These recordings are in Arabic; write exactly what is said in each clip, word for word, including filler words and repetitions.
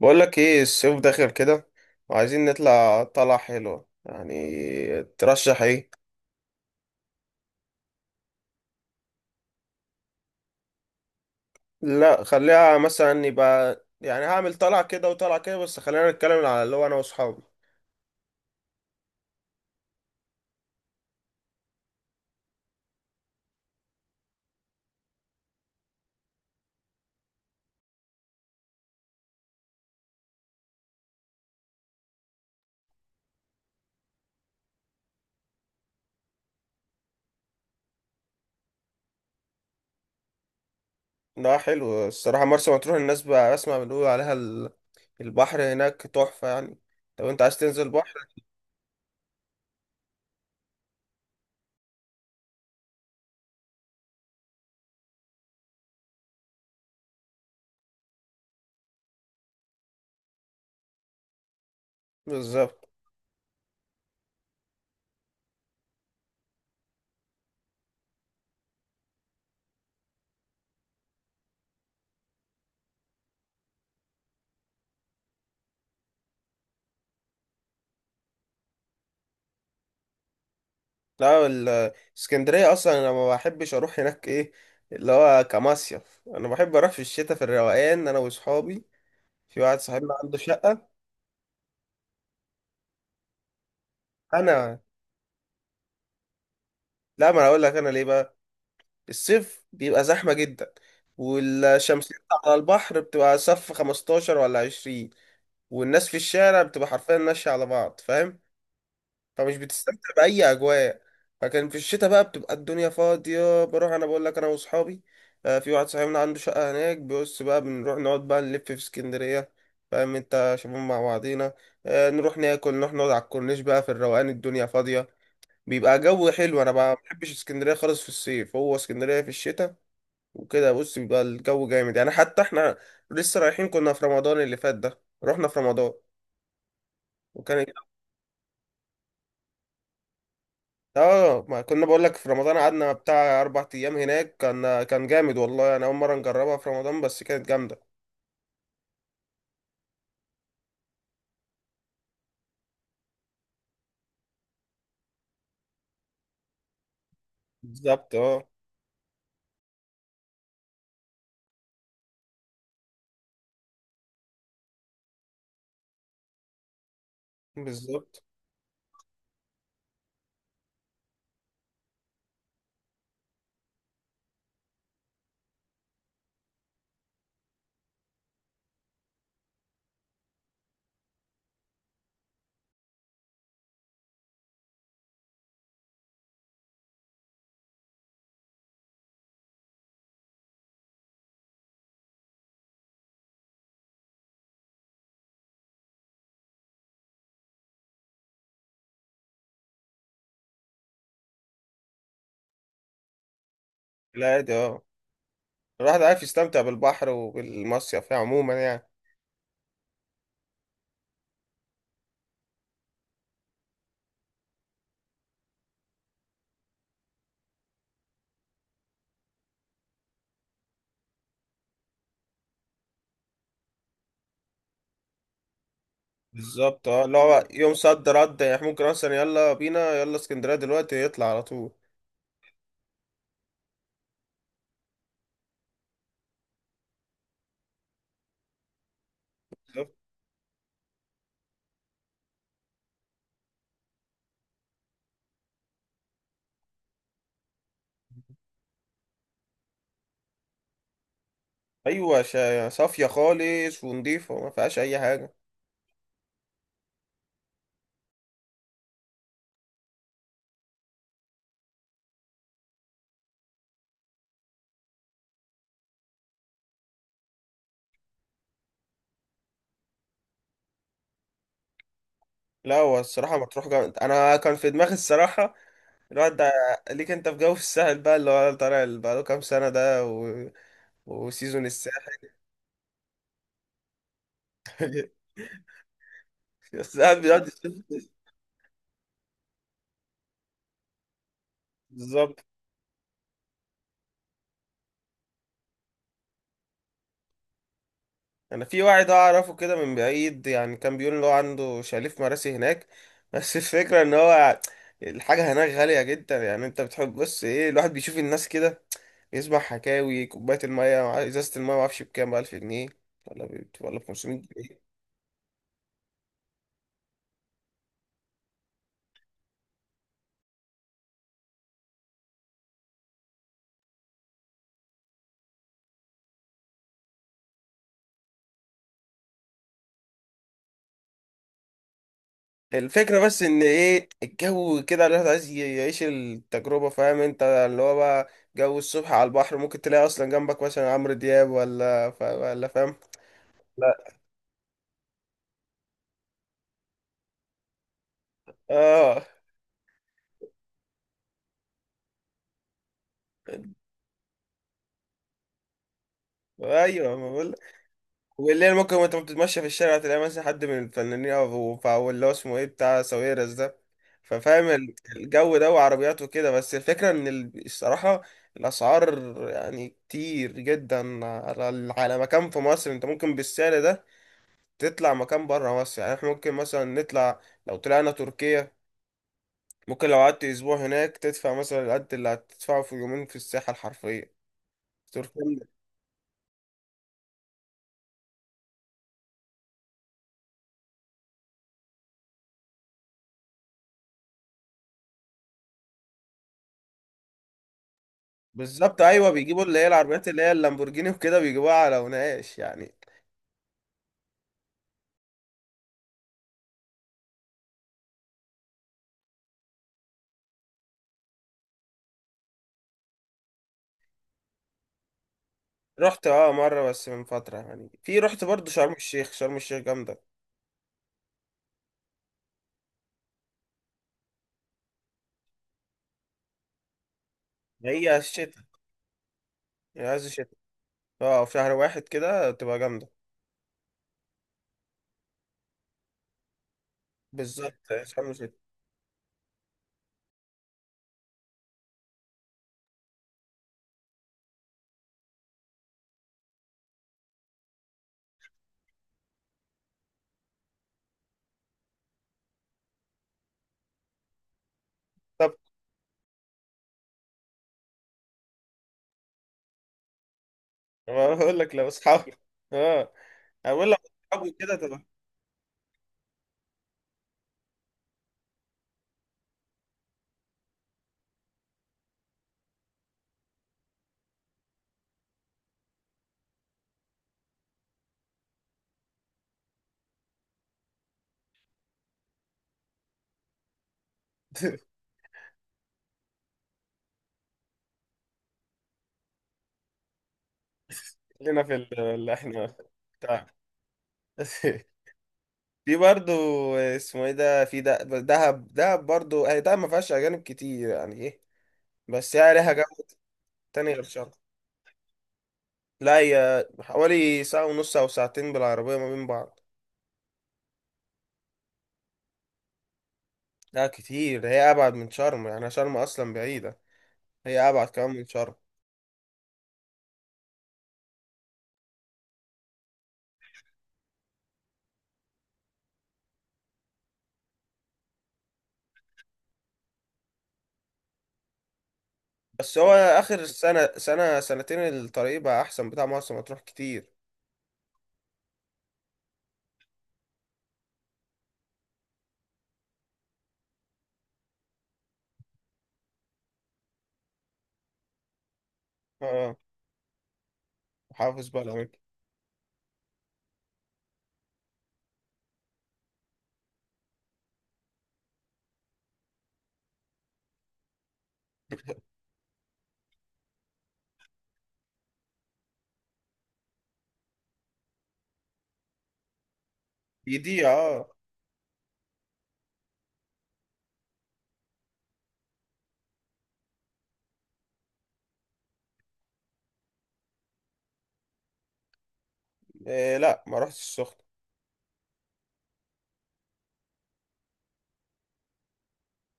بقول لك ايه الصيف داخل كده، وعايزين نطلع طلعة حلوة. يعني ترشح ايه؟ لا خليها مثلا، يبقى يعني هعمل طلعة كده وطلعة كده، بس خلينا نتكلم على اللي هو انا واصحابي. ده حلو الصراحة، مرسى مطروح الناس بقى اسمع بنقول عليها ال- البحر هناك تحفة يعني، لو انت عايز تنزل بحر. بالظبط. لا ال- اسكندرية اصلا انا ما بحبش اروح هناك. ايه اللي هو كمصيف، انا بحب اروح في الشتاء في الروقان انا واصحابي. في واحد صاحبنا عنده شقة. انا، لا ما انا اقول لك انا ليه بقى. الصيف بيبقى زحمه جدا، والشمسية على البحر بتبقى صف خمستاشر ولا عشرين، والناس في الشارع بتبقى حرفيا ماشيه على بعض، فاهم؟ فمش بتستمتع باي اجواء. فكان في الشتاء بقى بتبقى الدنيا فاضيه، بروح انا بقول لك انا واصحابي. آه، في واحد صاحبنا عنده شقه هناك، بيبص بقى بنروح نقعد بقى نلف في اسكندريه، فاهم انت شباب مع بعضينا. آه، نروح ناكل، نروح نقعد على الكورنيش بقى في الروقان، الدنيا فاضيه، بيبقى جو حلو. انا ما بحبش اسكندريه خالص في الصيف، هو اسكندريه في الشتاء. وكده بص بيبقى الجو جامد يعني. حتى احنا لسه رايحين، كنا في رمضان اللي فات، ده رحنا في رمضان وكان، اه ما كنا بقول لك في رمضان قعدنا بتاع اربع ايام هناك، كان كان جامد، والله انا اول مره نجربها في رمضان، بس كانت جامده. بالظبط اه. بالظبط. العادي اه، الواحد عارف يستمتع بالبحر وبالمصيف يعني عموما يعني. بالظبط اه، اللي هو يوم صد رد يعني، ممكن اصلا يلا بينا يلا اسكندريه دلوقتي يطلع على طول. بالظبط. ايوه شا- صافيه خالص ونضيفه وما فيهاش اي حاجه. لا هو الصراحه مطروح جامد. انا كان في دماغي الصراحه الواد ده، ليك انت في جو في الساحل بقى اللي هو طالع، اللي بقاله كام سنه ده و... وسيزون الساحل. الساحل بيقعد يشوف- بالظبط. انا في واحد اعرفه كده من بعيد يعني، كان بيقول ان هو عنده شاليه في مراسي هناك. بس الفكره ان هو الحاجه هناك غاليه جدا يعني. انت بتحب بص ايه، الواحد بيشوف الناس كده يسمع حكاوي، كوباية المية مع- إزازة المية معرفش بكام، بألف جنيه ولا ب... ولا بخمسمية جنيه. الفكرة بس إن إيه الجو كده، الواحد عايز ي- يعيش التجربة، فاهم أنت اللي هو بقى جو الصبح على البحر، ممكن تلاقي أصلا جنبك مثلا عمرو دياب ولا فا- ولا فاهم. لا. آه. أيوه، ما بقول. والليل ممكن وانت بتتمشى في الشارع تلاقي مثلا حد من الفنانين، او أو اللي هو اسمه ايه بتاع ساويرس ده. ففاهم ال- الجو ده وعربيات وكده. بس الفكرة ان ال- الصراحة الاسعار يعني كتير جدا، على ال- على مكان في مصر. انت ممكن بالسعر ده تطلع مكان بره مصر. يعني احنا ممكن مثلا نطلع، لو طلعنا تركيا، ممكن لو قعدت اسبوع هناك تدفع مثلا القد اللي هتدفعه في يومين في الساحة الحرفية، تركيا. بالظبط ايوه، بيجيبوا اللي هي العربيات اللي هي اللامبورجيني وكده بيجيبوها على وناقش يعني. رحت اه، مرة بس من فترة يعني، في رحت برضو شرم الشيخ، شرم الشيخ جامدة. هي الشتاء. هي عايز الشتاء. اه في شهر واحد كده تبقى جامدة. بالظبط، شرم الشيخ. طب ما بقول لك، لو اصحابي، اه. أنا بقول لك اصحابي كده تبقى. خلينا في ال- اللي احنا بتاع. في برضو اسمه ايه ده، في ده دهب. دهب برضو، هي دهب ما فيهاش اجانب كتير يعني ايه، بس هي ليها جو تاني غير شرم. لا هي حوالي ساعة ونص أو ساعتين بالعربية ما بين بعض. لا كتير، هي ابعد من شرم، يعني شرم اصلا بعيده، هي ابعد كمان من شرم. بس هو اخر سنه، سنه سنتين الطريق بقى احسن بتاع مرسى مطروح كتير. اه حافظ بقى الاماكن. دي دي اه. إيه لا ما رحتش السخنه.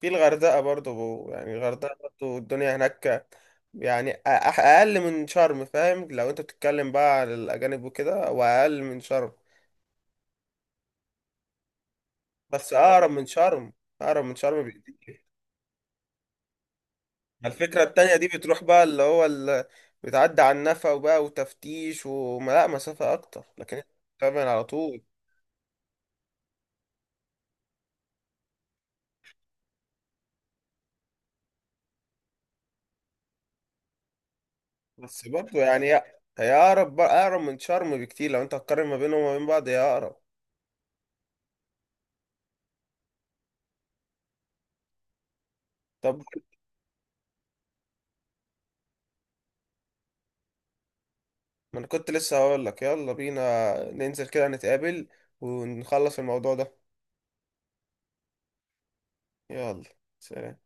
في الغردقه برضو، يعني الغردقه برضو الدنيا هناك، يعني أ- أح- اقل من شرم، فاهم؟ لو انت بتتكلم بقى على الاجانب وكده، واقل من شرم، بس اقرب من شرم، اقرب من شرم بكتير. الفكرة التانية دي بتروح بقى اللي هو ال... بتعدي على النفق وبقى وتفتيش وما لا مسافة أكتر، لكن أنت بتعمل على طول. بس برضه يعني هي هي أقرب بقى، أقرب من شرم بكتير. لو أنت هتقارن ما بينهم وما بين بعض، هي أقرب. طب ما أنا كنت لسه هقول لك يلا بينا ننزل كده نتقابل، ونخلص الموضوع ده. يلا. سلام.